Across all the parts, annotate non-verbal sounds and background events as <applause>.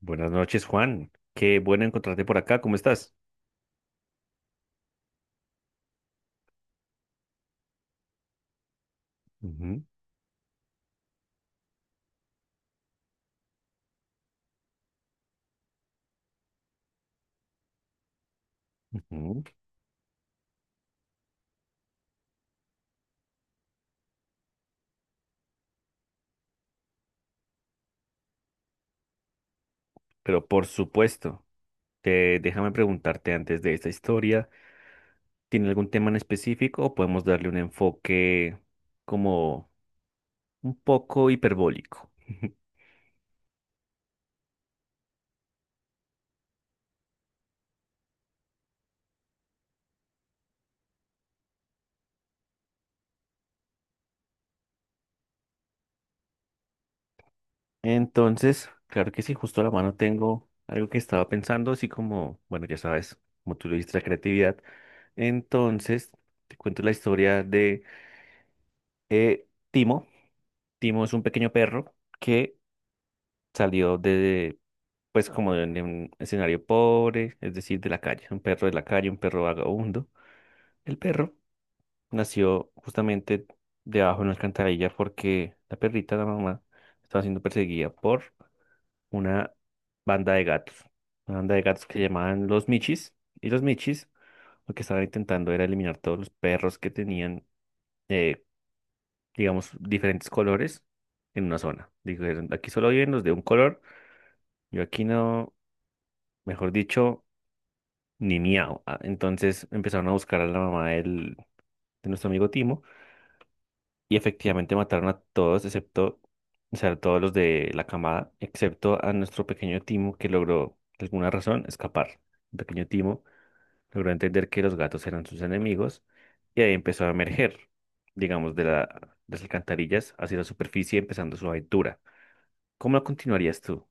Buenas noches, Juan. Qué bueno encontrarte por acá. ¿Cómo estás? Ujú, ujú. Pero por supuesto, déjame preguntarte antes de esta historia, ¿tiene algún tema en específico o podemos darle un enfoque como un poco hiperbólico? <laughs> Entonces, claro que sí, justo a la mano tengo algo que estaba pensando, así como, bueno, ya sabes, como tú lo dijiste, la creatividad. Entonces, te cuento la historia de Timo. Timo es un pequeño perro que salió de, pues como de un escenario pobre, es decir, de la calle, un perro de la calle, un perro vagabundo. El perro nació justamente debajo de una alcantarilla porque la perrita, la mamá, estaba siendo perseguida por una banda de gatos, una banda de gatos que llamaban los Michis, y los Michis lo que estaban intentando era eliminar todos los perros que tenían, eh, digamos, diferentes colores en una zona. Dijeron, aquí solo viven los de un color, yo aquí no, mejor dicho, ni miau. Ah, entonces empezaron a buscar a la mamá de nuestro amigo Timo y efectivamente mataron a todos, excepto, o sea, a todos los de la camada, excepto a nuestro pequeño Timo que logró, por alguna razón, escapar. El pequeño Timo logró entender que los gatos eran sus enemigos y ahí empezó a emerger, digamos, de las alcantarillas hacia la superficie, empezando su aventura. ¿Cómo la continuarías tú?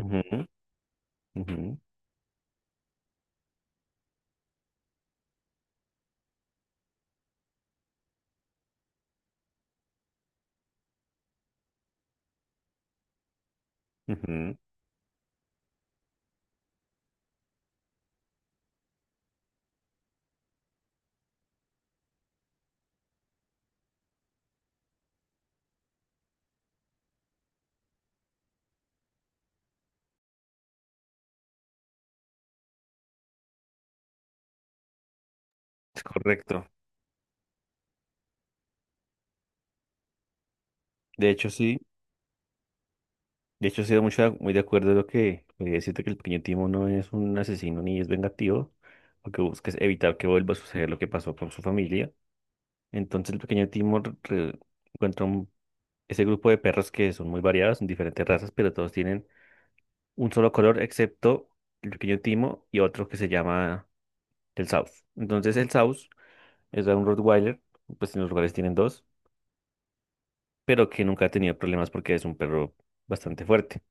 Ujú, ujú, ujú. Es correcto. De hecho, sí. De hecho, estoy mucho, muy de acuerdo en lo que siento que el pequeño Timo no es un asesino ni es vengativo, lo que busca es evitar que vuelva a suceder lo que pasó con su familia. Entonces, el pequeño Timo encuentra ese grupo de perros que son muy variados, son diferentes razas, pero todos tienen un solo color, excepto el pequeño Timo y otro que se llama el South. Entonces, el South es un Rottweiler, pues en los lugares tienen dos, pero que nunca ha tenido problemas porque es un perro bastante fuerte,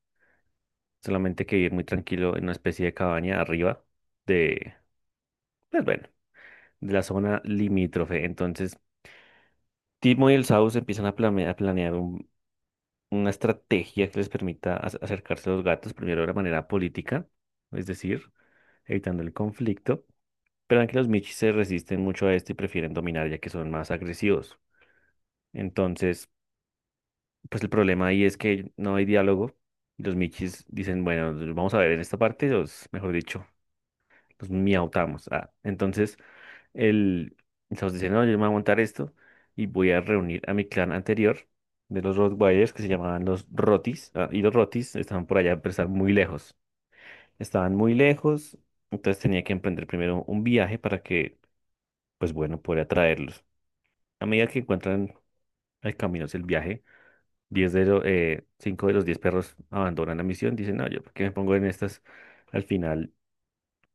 solamente que vivir muy tranquilo en una especie de cabaña arriba de, pues bueno, de la zona limítrofe. Entonces, Timo y el Saus empiezan a, a planear una estrategia que les permita acercarse a los gatos, primero de la manera política, es decir, evitando el conflicto, pero en que los Michis se resisten mucho a esto y prefieren dominar ya que son más agresivos. Entonces, pues el problema ahí es que no hay diálogo. Y los Michis dicen, bueno, vamos a ver en esta parte, los, mejor dicho, los miautamos. Ah, entonces, el, entonces dice, no, yo me voy a montar esto y voy a reunir a mi clan anterior de los Rottweilers que se llamaban los Rotis. Ah, y los Rotis estaban por allá, pero estaban muy lejos. Estaban muy lejos, entonces tenía que emprender primero un viaje para que, pues bueno, pudiera traerlos. A medida que encuentran el camino hacia el viaje, 5 de los 10 perros abandonan la misión. Dicen, no, yo, ¿por qué me pongo en estas? Al final,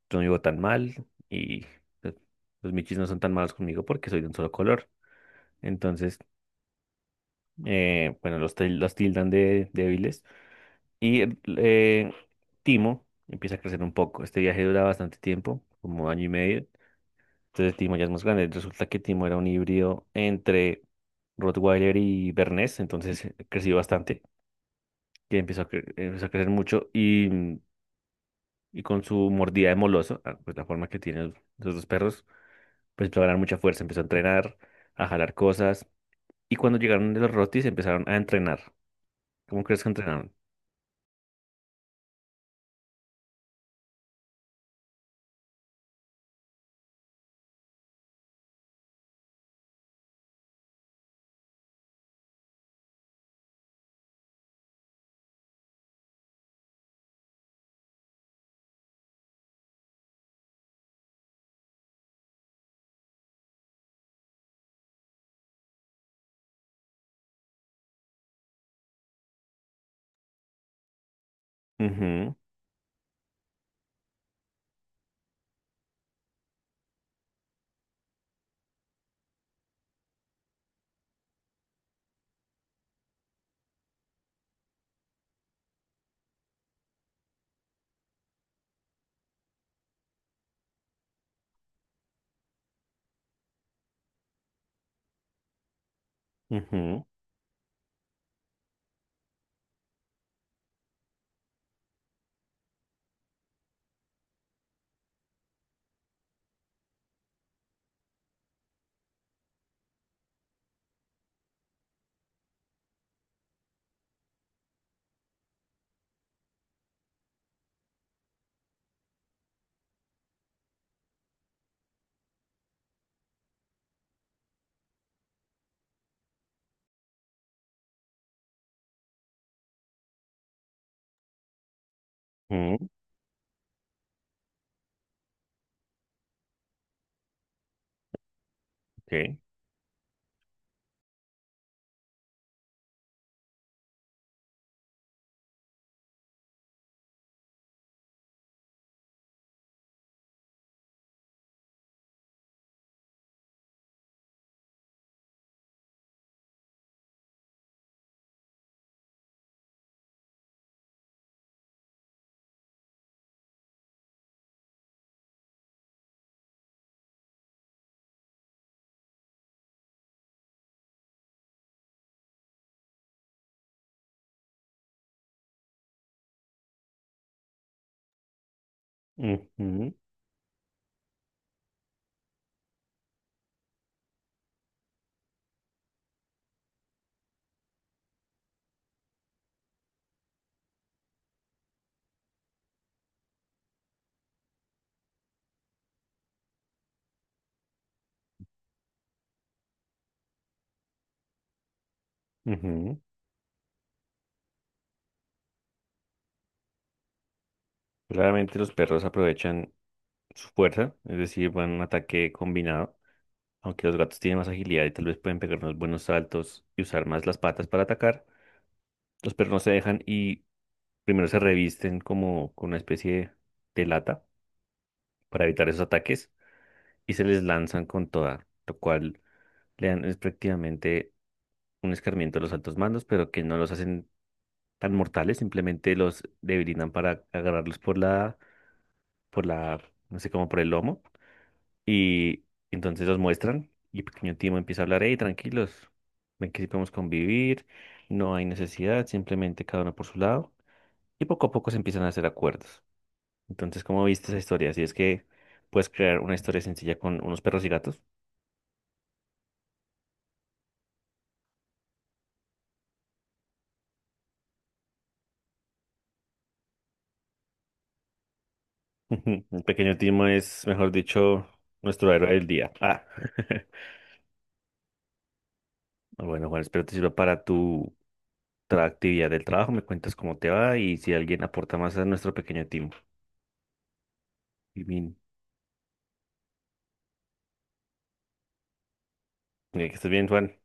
yo no vivo tan mal y... eh, los michis no son tan malos conmigo porque soy de un solo color. Entonces bueno, los tildan de débiles. Y Timo empieza a crecer un poco. Este viaje dura bastante tiempo, como año y medio. Entonces Timo ya es más grande. Resulta que Timo era un híbrido entre Rottweiler y Bernés, entonces creció bastante, que empezó a, empezó a crecer mucho y, y con su mordida de moloso, ah, pues la forma que tienen los dos perros, pues empezó a ganar mucha fuerza, empezó a entrenar, a jalar cosas. Y cuando llegaron de los Rottis empezaron a entrenar. ¿Cómo crees que entrenaron? Ujú, ujú, ok, ujú, ujú. Claramente los perros aprovechan su fuerza, es decir, van a un ataque combinado, aunque los gatos tienen más agilidad y tal vez pueden pegar unos buenos saltos y usar más las patas para atacar. Los perros no se dejan y primero se revisten como con una especie de lata para evitar esos ataques y se les lanzan con toda, lo cual le dan es prácticamente un escarmiento a los altos mandos, pero que no los hacen tan mortales, simplemente los debilitan para agarrarlos por la por la, no sé, como por el lomo. Y entonces los muestran y pequeño Timo empieza a hablar, hey, tranquilos, ven que sí podemos convivir, no hay necesidad, simplemente cada uno por su lado. Y poco a poco se empiezan a hacer acuerdos. Entonces, ¿cómo viste esa historia? Si es que puedes crear una historia sencilla con unos perros y gatos. <laughs> El pequeño Timo es, mejor dicho, nuestro héroe del día. Ah. <laughs> Bueno, Juan, espero te sirva para tu actividad del trabajo. Me cuentas cómo te va y si alguien aporta más a nuestro pequeño Timo. Y bien. Que estés bien, Juan.